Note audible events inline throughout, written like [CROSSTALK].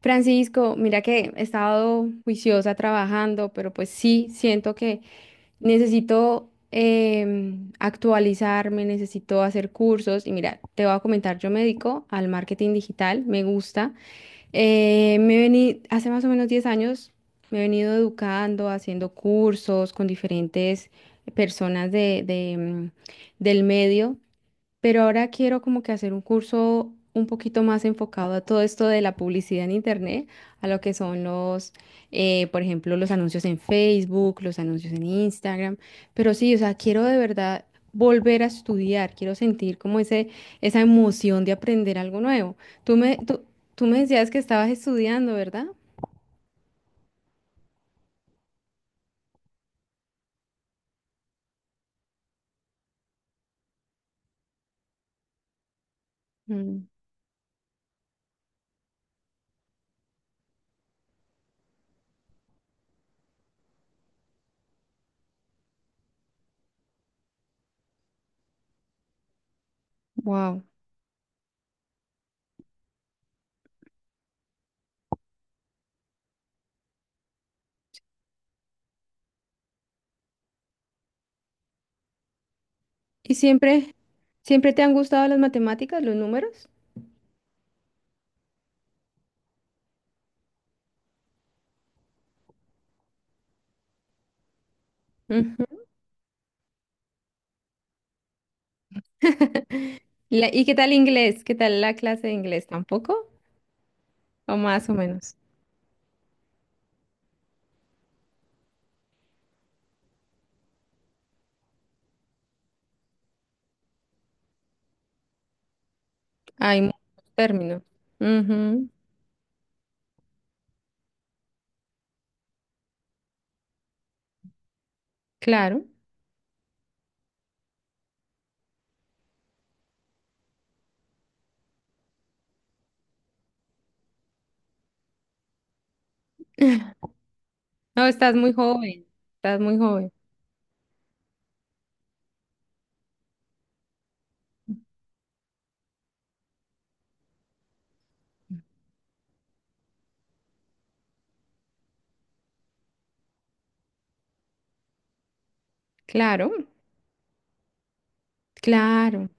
Francisco, mira que he estado juiciosa trabajando, pero pues sí, siento que necesito actualizarme, necesito hacer cursos y mira, te voy a comentar, yo me dedico al marketing digital, me gusta. Me vení, hace más o menos 10 años me he venido educando, haciendo cursos con diferentes personas de del medio, pero ahora quiero como que hacer un curso un poquito más enfocado a todo esto de la publicidad en internet, a lo que son los, por ejemplo, los anuncios en Facebook, los anuncios en Instagram, pero sí, o sea, quiero de verdad volver a estudiar, quiero sentir como esa emoción de aprender algo nuevo. Tú me, tú, Tú me decías que estabas estudiando, ¿verdad? Wow. ¿Y siempre te han gustado las matemáticas, los números? [LAUGHS] ¿Y qué tal inglés? ¿Qué tal la clase de inglés? ¿Tampoco? ¿O más o menos? Hay muchos términos. Ujú. Claro. No, estás muy joven. Estás muy joven. Claro, claro.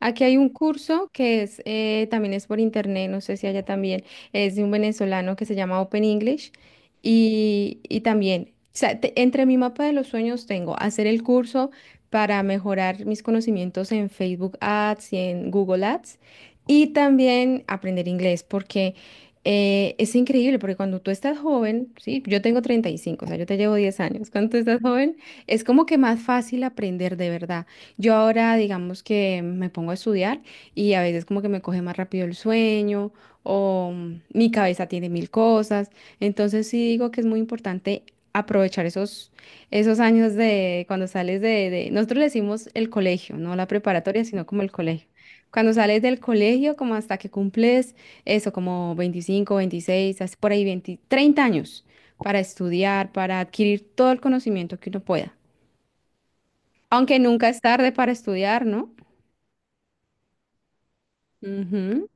Aquí hay un curso que es también es por internet, no sé si allá también, es de un venezolano que se llama Open English y también, o sea, entre mi mapa de los sueños tengo hacer el curso para mejorar mis conocimientos en Facebook Ads y en Google Ads, y también aprender inglés porque es increíble porque cuando tú estás joven, sí, yo tengo 35, o sea, yo te llevo 10 años, cuando tú estás joven es como que más fácil aprender de verdad. Yo ahora, digamos que me pongo a estudiar y a veces como que me coge más rápido el sueño o mi cabeza tiene mil cosas. Entonces sí digo que es muy importante aprovechar esos, esos años de cuando sales nosotros le decimos el colegio, no la preparatoria, sino como el colegio. Cuando sales del colegio, como hasta que cumples eso, como 25, 26, así por ahí 20, 30 años, para estudiar, para adquirir todo el conocimiento que uno pueda. Aunque nunca es tarde para estudiar, ¿no? Ujú.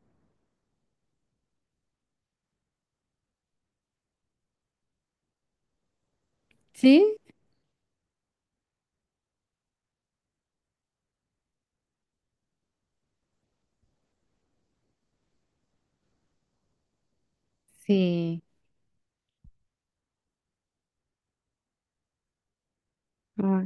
Sí, sí, ah,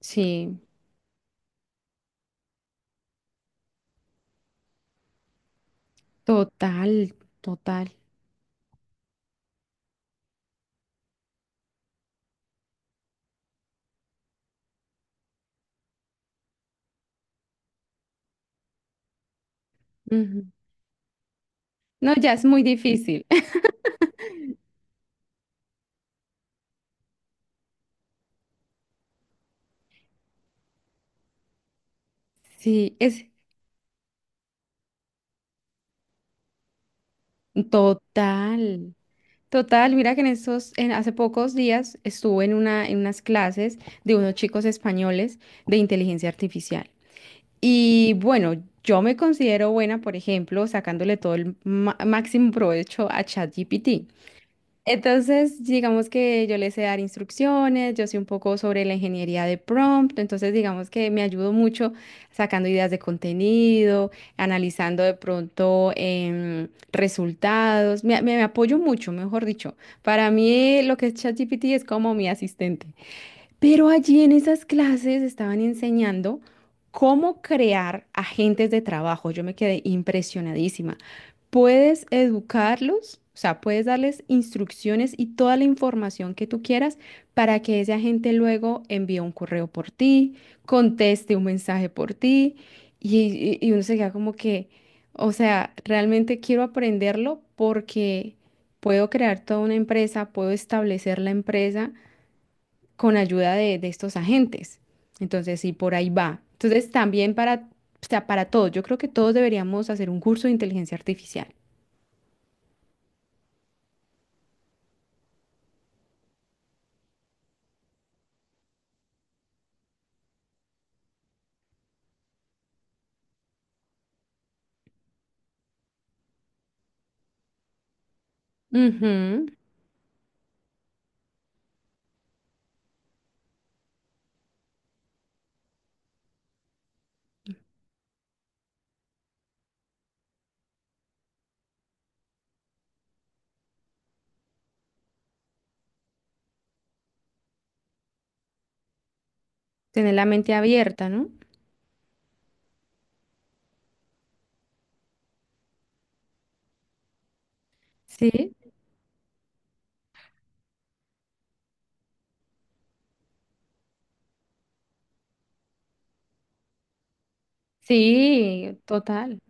sí, total, total. Ujú. No, ya es muy difícil. [LAUGHS] Sí, es total, total. Mira que en estos, en hace pocos días estuve en una, en unas clases de unos chicos españoles de inteligencia artificial. Y bueno, yo me considero buena, por ejemplo, sacándole todo el máximo provecho a ChatGPT. Entonces, digamos que yo le sé dar instrucciones, yo sé un poco sobre la ingeniería de prompt, entonces digamos que me ayudo mucho sacando ideas de contenido, analizando de pronto resultados, me apoyo mucho, mejor dicho. Para mí lo que es ChatGPT es como mi asistente. Pero allí en esas clases estaban enseñando cómo crear agentes de trabajo. Yo me quedé impresionadísima. Puedes educarlos, o sea, puedes darles instrucciones y toda la información que tú quieras para que ese agente luego envíe un correo por ti, conteste un mensaje por ti y uno se queda como que, o sea, realmente quiero aprenderlo porque puedo crear toda una empresa, puedo establecer la empresa con ayuda de estos agentes. Entonces, sí, por ahí va. Entonces, también para, o sea, para todos, yo creo que todos deberíamos hacer un curso de inteligencia artificial. Ujú. Tener la mente abierta, ¿no? Sí, sí, total.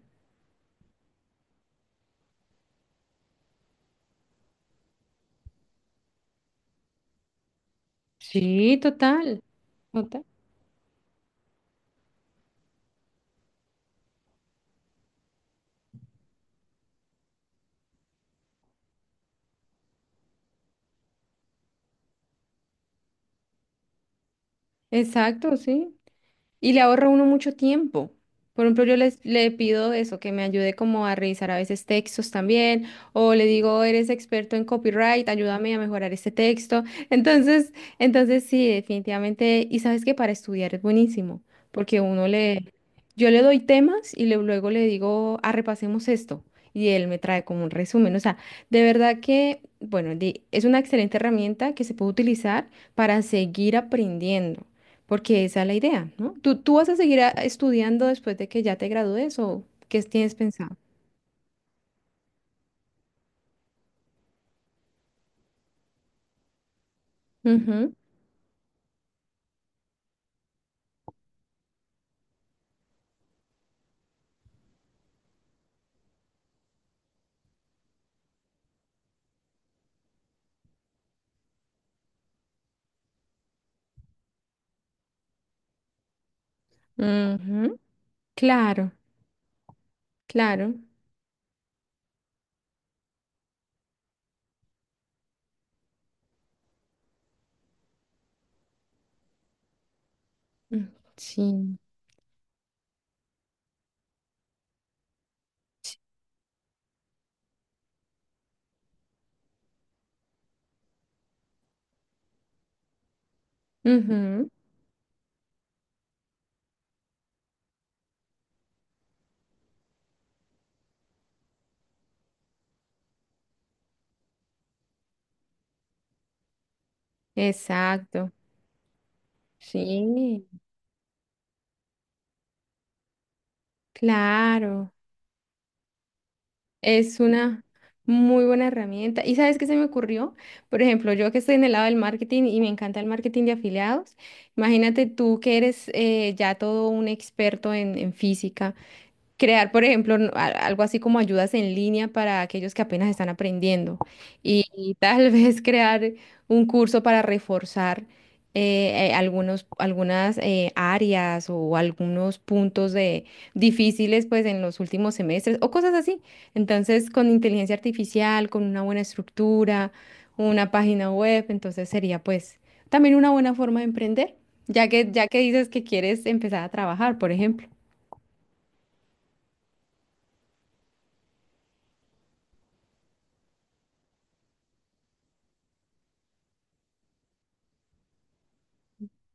Sí, total. Total. Exacto, sí. Y le ahorra a uno mucho tiempo. Por ejemplo, le pido eso, que me ayude como a revisar a veces textos también, o le digo, eres experto en copyright, ayúdame a mejorar este texto. [LAUGHS] Entonces, entonces sí, definitivamente, y sabes que para estudiar es buenísimo, porque uno le, yo le doy temas luego le digo, ah, repasemos esto, y él me trae como un resumen. O sea, de verdad que, bueno, es una excelente herramienta que se puede utilizar para seguir aprendiendo. Porque esa es la idea, ¿no? ¿Tú vas a seguir estudiando después de que ya te gradúes o qué tienes pensado? Ujú, ujú. Claro, claro. Mm. Sí. Ujú. Exacto. Sí, claro. Es una muy buena herramienta. ¿Y sabes qué se me ocurrió? Por ejemplo, yo que estoy en el lado del marketing y me encanta el marketing de afiliados. Imagínate tú que eres ya todo un experto en física. Crear, por ejemplo, algo así como ayudas en línea para aquellos que apenas están aprendiendo y tal [LAUGHS] vez crear un curso para reforzar algunos, algunas áreas o algunos puntos de, difíciles pues en los últimos semestres o cosas así. Entonces, con inteligencia artificial, con una buena estructura, una página web, entonces sería pues también una buena forma de emprender, ya que dices que quieres empezar a trabajar, por ejemplo.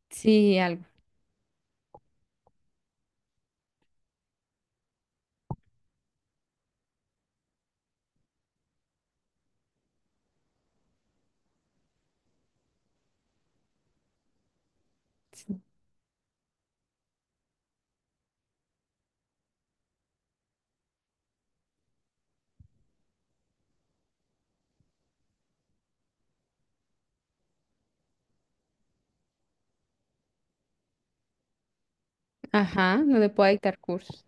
Sí, algo. Ajá, no le puedo dictar cursos.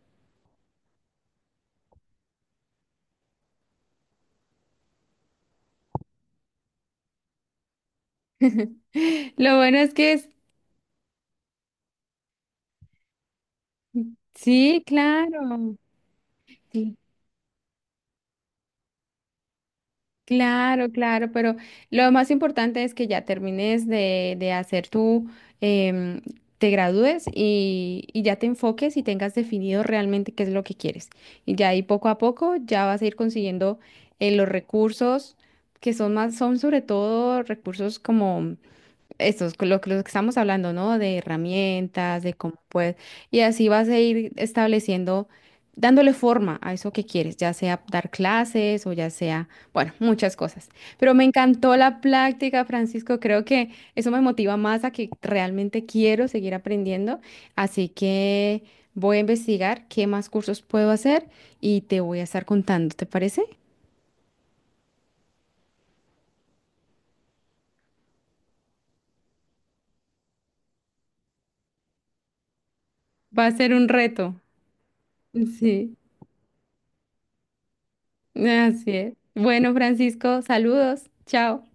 [LAUGHS] Lo bueno es que es, sí, claro, sí, claro, claro, pero lo más importante es que ya termines de hacer tu, em, te gradúes y ya te enfoques y tengas definido realmente qué es lo que quieres. Y ya ahí poco a poco ya vas a ir consiguiendo los recursos que son más, son sobre todo recursos como esto es lo que estamos hablando, ¿no? De herramientas, de cómo puedes. Y así vas a ir estableciendo, dándole forma a eso que quieres, ya sea dar clases o ya sea, bueno, muchas cosas. Pero me encantó la práctica, Francisco. Creo que eso me motiva más a que realmente quiero seguir aprendiendo. Así que voy a investigar qué más cursos puedo hacer y te voy a estar contando, ¿te parece? Va a ser un reto. Sí. Así es. Bueno, Francisco, saludos. Chao.